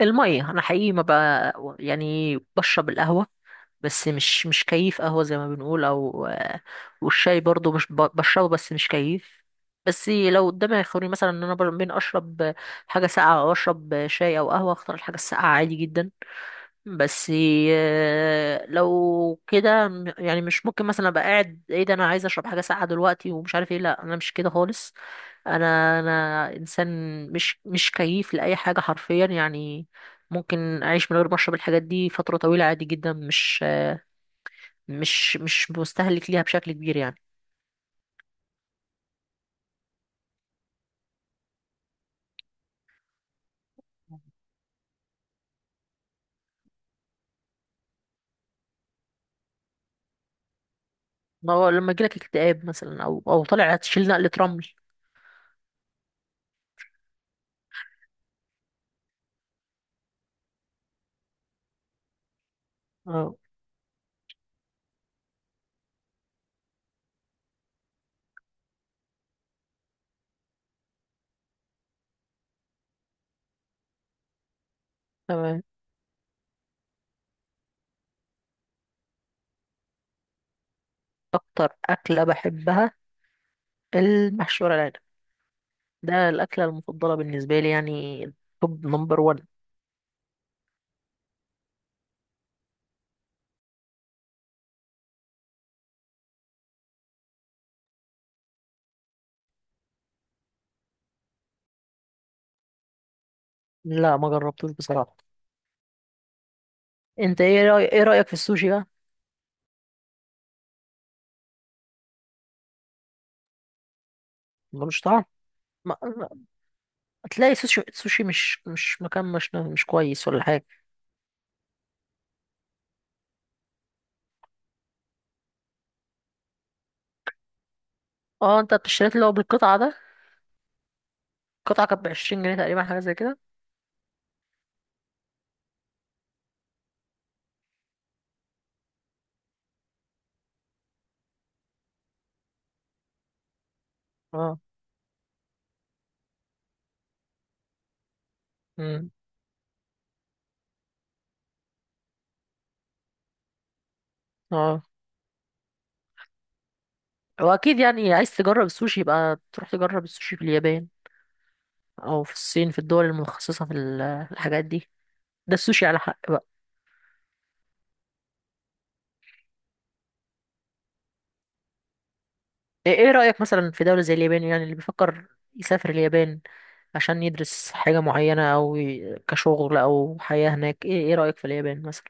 المية. أنا حقيقي ما بقى يعني بشرب القهوة، بس مش كيف قهوة زي ما بنقول، أو والشاي برضو مش بشربه بس مش كيف. بس لو قدامي يخيروني مثلا إن أنا بين أشرب حاجة ساقعة أو أشرب شاي أو قهوة، أختار الحاجة الساقعة عادي جدا. بس لو كده يعني مش ممكن مثلا أبقى قاعد إيه ده أنا عايز أشرب حاجة ساقعة دلوقتي، ومش عارف إيه. لأ، أنا مش كده خالص. انا انسان، مش كيف لاي حاجه حرفيا يعني. ممكن اعيش من غير ما اشرب الحاجات دي فتره طويله عادي جدا، مش مستهلك ليها بشكل كبير يعني. ما هو لما يجيلك اكتئاب مثلا، او طالع تشيل نقله رمل. اه، تمام. اكتر اكله بحبها المحشي ورق العنب. ده الاكله المفضله بالنسبه لي يعني، توب نمبر 1. لا، ما جربتوش بصراحه. انت ايه رايك في السوشي بقى؟ ملوش طعم. تلاقي سوشي سوشي مش مكان، مش كويس ولا حاجة. اه، انت اشتريت اللي هو بالقطعة ده. القطعة كانت بعشرين جنيه تقريبا، حاجة زي كده. اه. امم اه. واكيد يعني عايز تجرب السوشي يبقى تروح تجرب السوشي في اليابان، او في الصين، في الدول المتخصصة في الحاجات دي. ده السوشي على حق بقى. إيه رأيك مثلا في دولة زي اليابان؟ يعني اللي بيفكر يسافر اليابان عشان يدرس حاجة معينة او كشغل او حياة هناك، ايه رأيك في اليابان مثلا؟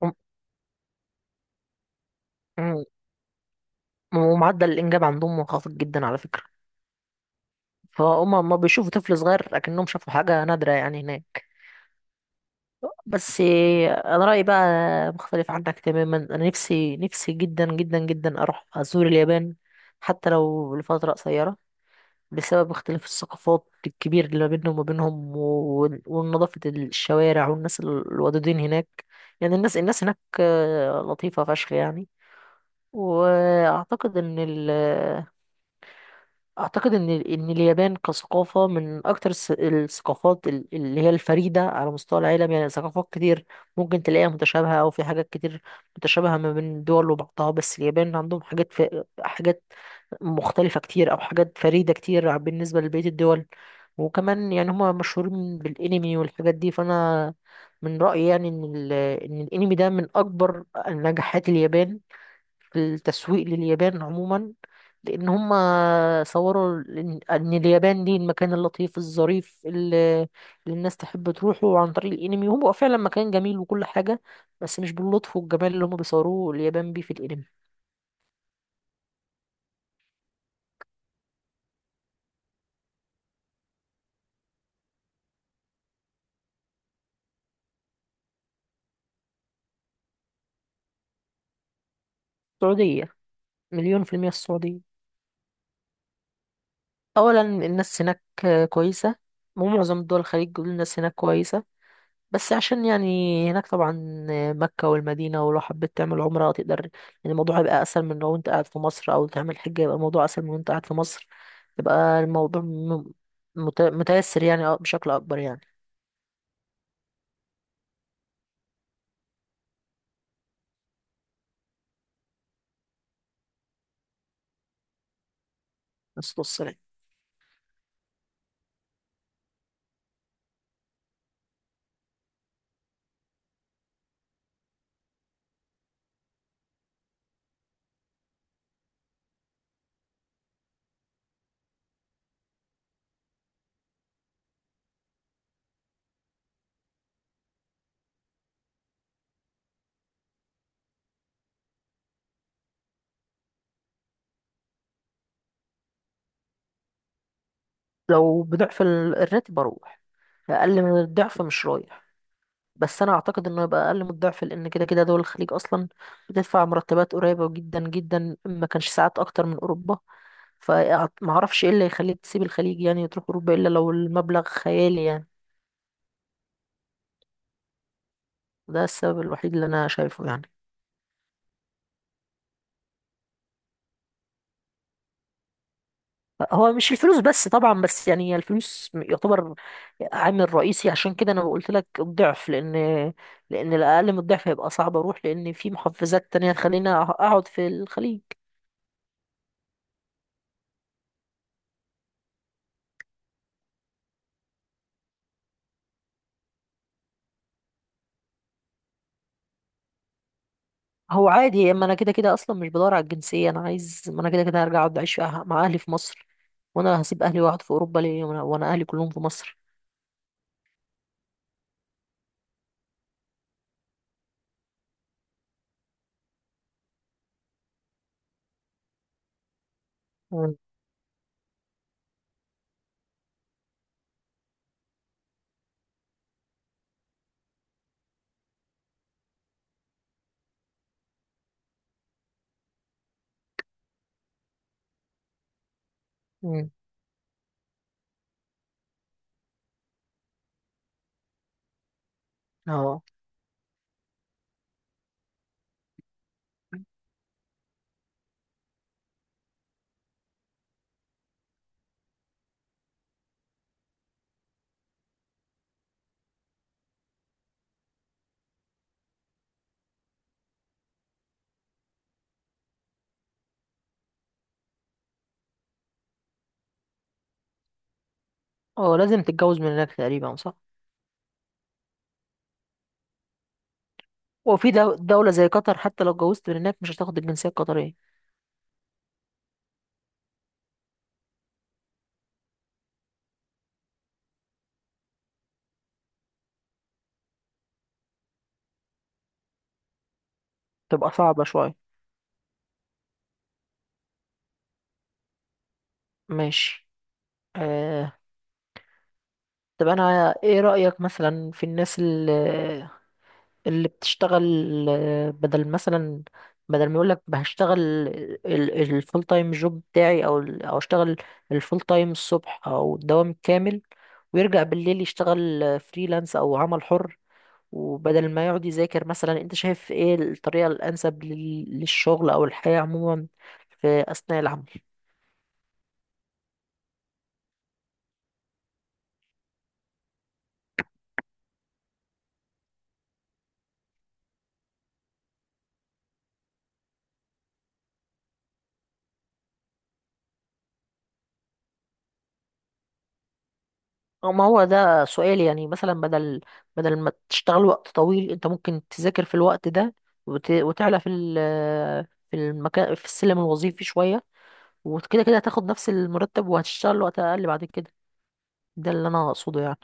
وم- وم- ومعدل الانجاب عندهم منخفض جدا على فكرة. فهم ما بيشوفوا طفل صغير، لكنهم شافوا حاجة نادرة يعني هناك. بس انا رأيي بقى مختلف عنك تماما. انا نفسي نفسي جدا جدا جدا اروح ازور اليابان، حتى لو لفترة قصيرة، بسبب اختلاف الثقافات الكبير اللي ما بينهم وما بينهم ونظافة الشوارع والناس الودودين هناك. يعني الناس هناك لطيفة فشخ يعني. واعتقد ان ال اعتقد ان ان اليابان كثقافه من اكتر الثقافات اللي هي الفريده على مستوى العالم. يعني ثقافات كتير ممكن تلاقيها متشابهه، او في حاجات كتير متشابهه ما بين دول وبعضها، بس اليابان عندهم حاجات، في حاجات مختلفه كتير او حاجات فريده كتير بالنسبه لبقيه الدول. وكمان يعني هما مشهورين بالانمي والحاجات دي، فانا من رايي يعني ان الانمي ده من اكبر نجاحات اليابان في التسويق لليابان عموما. لأن هم صوروا إن اليابان دي المكان اللطيف الظريف اللي الناس تحب تروحه عن طريق الأنمي، وهو فعلا مكان جميل وكل حاجة، بس مش باللطف والجمال اللي هم بيصوروه اليابان بيه في الأنمي. السعودية. مليون في المية السعودية. أولا، الناس هناك كويسة، ومعظم دول الخليج بيقولوا الناس هناك كويسة. بس عشان يعني هناك طبعا مكة والمدينة، ولو حبيت تعمل عمرة تقدر يعني الموضوع هيبقى أسهل من لو أنت قاعد في مصر، أو تعمل حجة يبقى الموضوع أسهل من وأنت قاعد في مصر. يبقى الموضوع متيسر يعني، بشكل أكبر يعني. الصلاة والسلام. لو بضعف الراتب أروح. أقل من الضعف مش رايح. بس أنا أعتقد إنه يبقى أقل من الضعف، لأن كده كده دول الخليج أصلا بتدفع مرتبات قريبة جدا جدا، ما كانش ساعات أكتر من أوروبا. فمعرفش ايه اللي يخليك تسيب الخليج يعني وتروح اوروبا الا لو المبلغ خيالي يعني. ده السبب الوحيد اللي انا شايفه يعني. هو مش الفلوس بس طبعا، بس يعني الفلوس يعتبر عامل رئيسي، عشان كده انا قلت لك الضعف، لان الاقل من الضعف هيبقى صعب اروح، لان في محفزات تانية تخليني اقعد في الخليج. هو عادي، اما انا كده كده اصلا مش بدور على الجنسيه. انا عايز، ما انا كده كده هرجع اقعد اعيش مع اهلي في مصر. وانا هسيب اهلي واقعد في اوروبا ليه وأنا اهلي كلهم في مصر؟ مم. مم. اه. اه، لازم تتجوز من هناك تقريبا، صح؟ وفي دولة زي قطر، حتى لو اتجوزت من هناك مش هتاخد الجنسية القطرية. تبقى صعبة شوية. ماشي. آه. طب انا ايه رأيك مثلا في الناس اللي بتشتغل، آه، بدل مثلا بدل ما يقولك هشتغل الفول تايم جوب بتاعي، او او اشتغل الفول تايم الصبح او الدوام الكامل، ويرجع بالليل يشتغل فريلانس او عمل حر، وبدل ما يقعد يذاكر مثلا، انت شايف ايه الطريقة الانسب للشغل او الحياة عموما في اثناء العمل؟ أو ما هو ده سؤال يعني، مثلا بدل ما تشتغل وقت طويل، انت ممكن تذاكر في الوقت ده، وتعلى في المكان في السلم الوظيفي شوية، وكده كده هتاخد نفس المرتب وهتشتغل وقت اقل بعد كده. ده اللي انا اقصده يعني.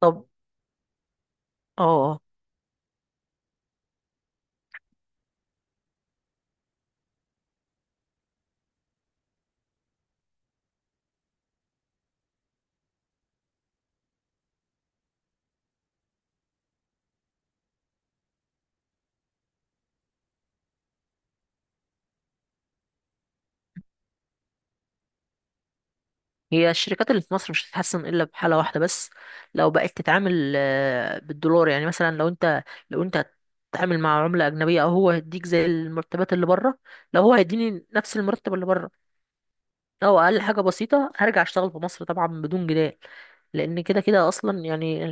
طب. اه. آه. هي الشركات اللي في مصر مش هتتحسن الا بحاله واحده بس، لو بقت تتعامل بالدولار، يعني مثلا لو انت هتتعامل مع عمله اجنبيه، او هو هيديك زي المرتبات اللي بره. لو هو هيديني نفس المرتب اللي بره او اقل حاجه بسيطه هرجع اشتغل في مصر طبعا بدون جدال، لان كده كده اصلا يعني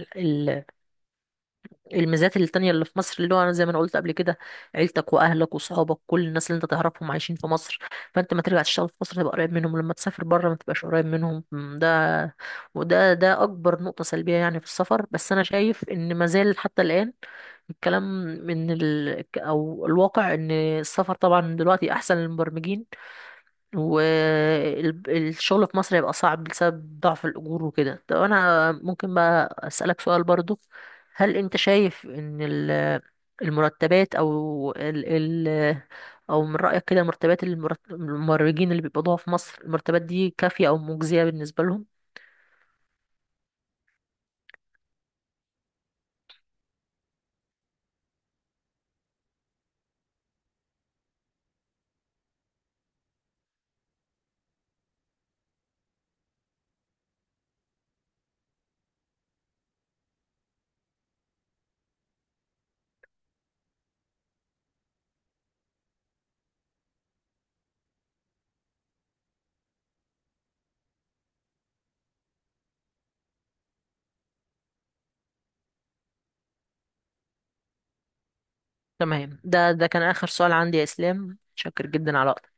الميزات التانية اللي في مصر، اللي هو أنا زي ما أنا قلت قبل كده، عيلتك وأهلك وصحابك كل الناس اللي أنت تعرفهم عايشين في مصر. فأنت ما ترجع تشتغل في مصر تبقى قريب منهم، لما تسافر بره ما تبقاش قريب منهم، م، ده وده ده أكبر نقطة سلبية يعني في السفر. بس أنا شايف إن ما زال حتى الآن الكلام من ال... أو الواقع إن السفر طبعا دلوقتي أحسن للمبرمجين، والشغل في مصر هيبقى صعب بسبب ضعف الأجور وكده. طب أنا ممكن بقى أسألك سؤال برضو؟ هل أنت شايف المرتبات أو ال ال أو من رأيك كده مرتبات الممرجين اللي بيقبضوها في مصر، المرتبات دي كافية أو مجزية بالنسبة لهم؟ تمام، ده كان آخر سؤال عندي يا إسلام، شكر جدا على وقتك.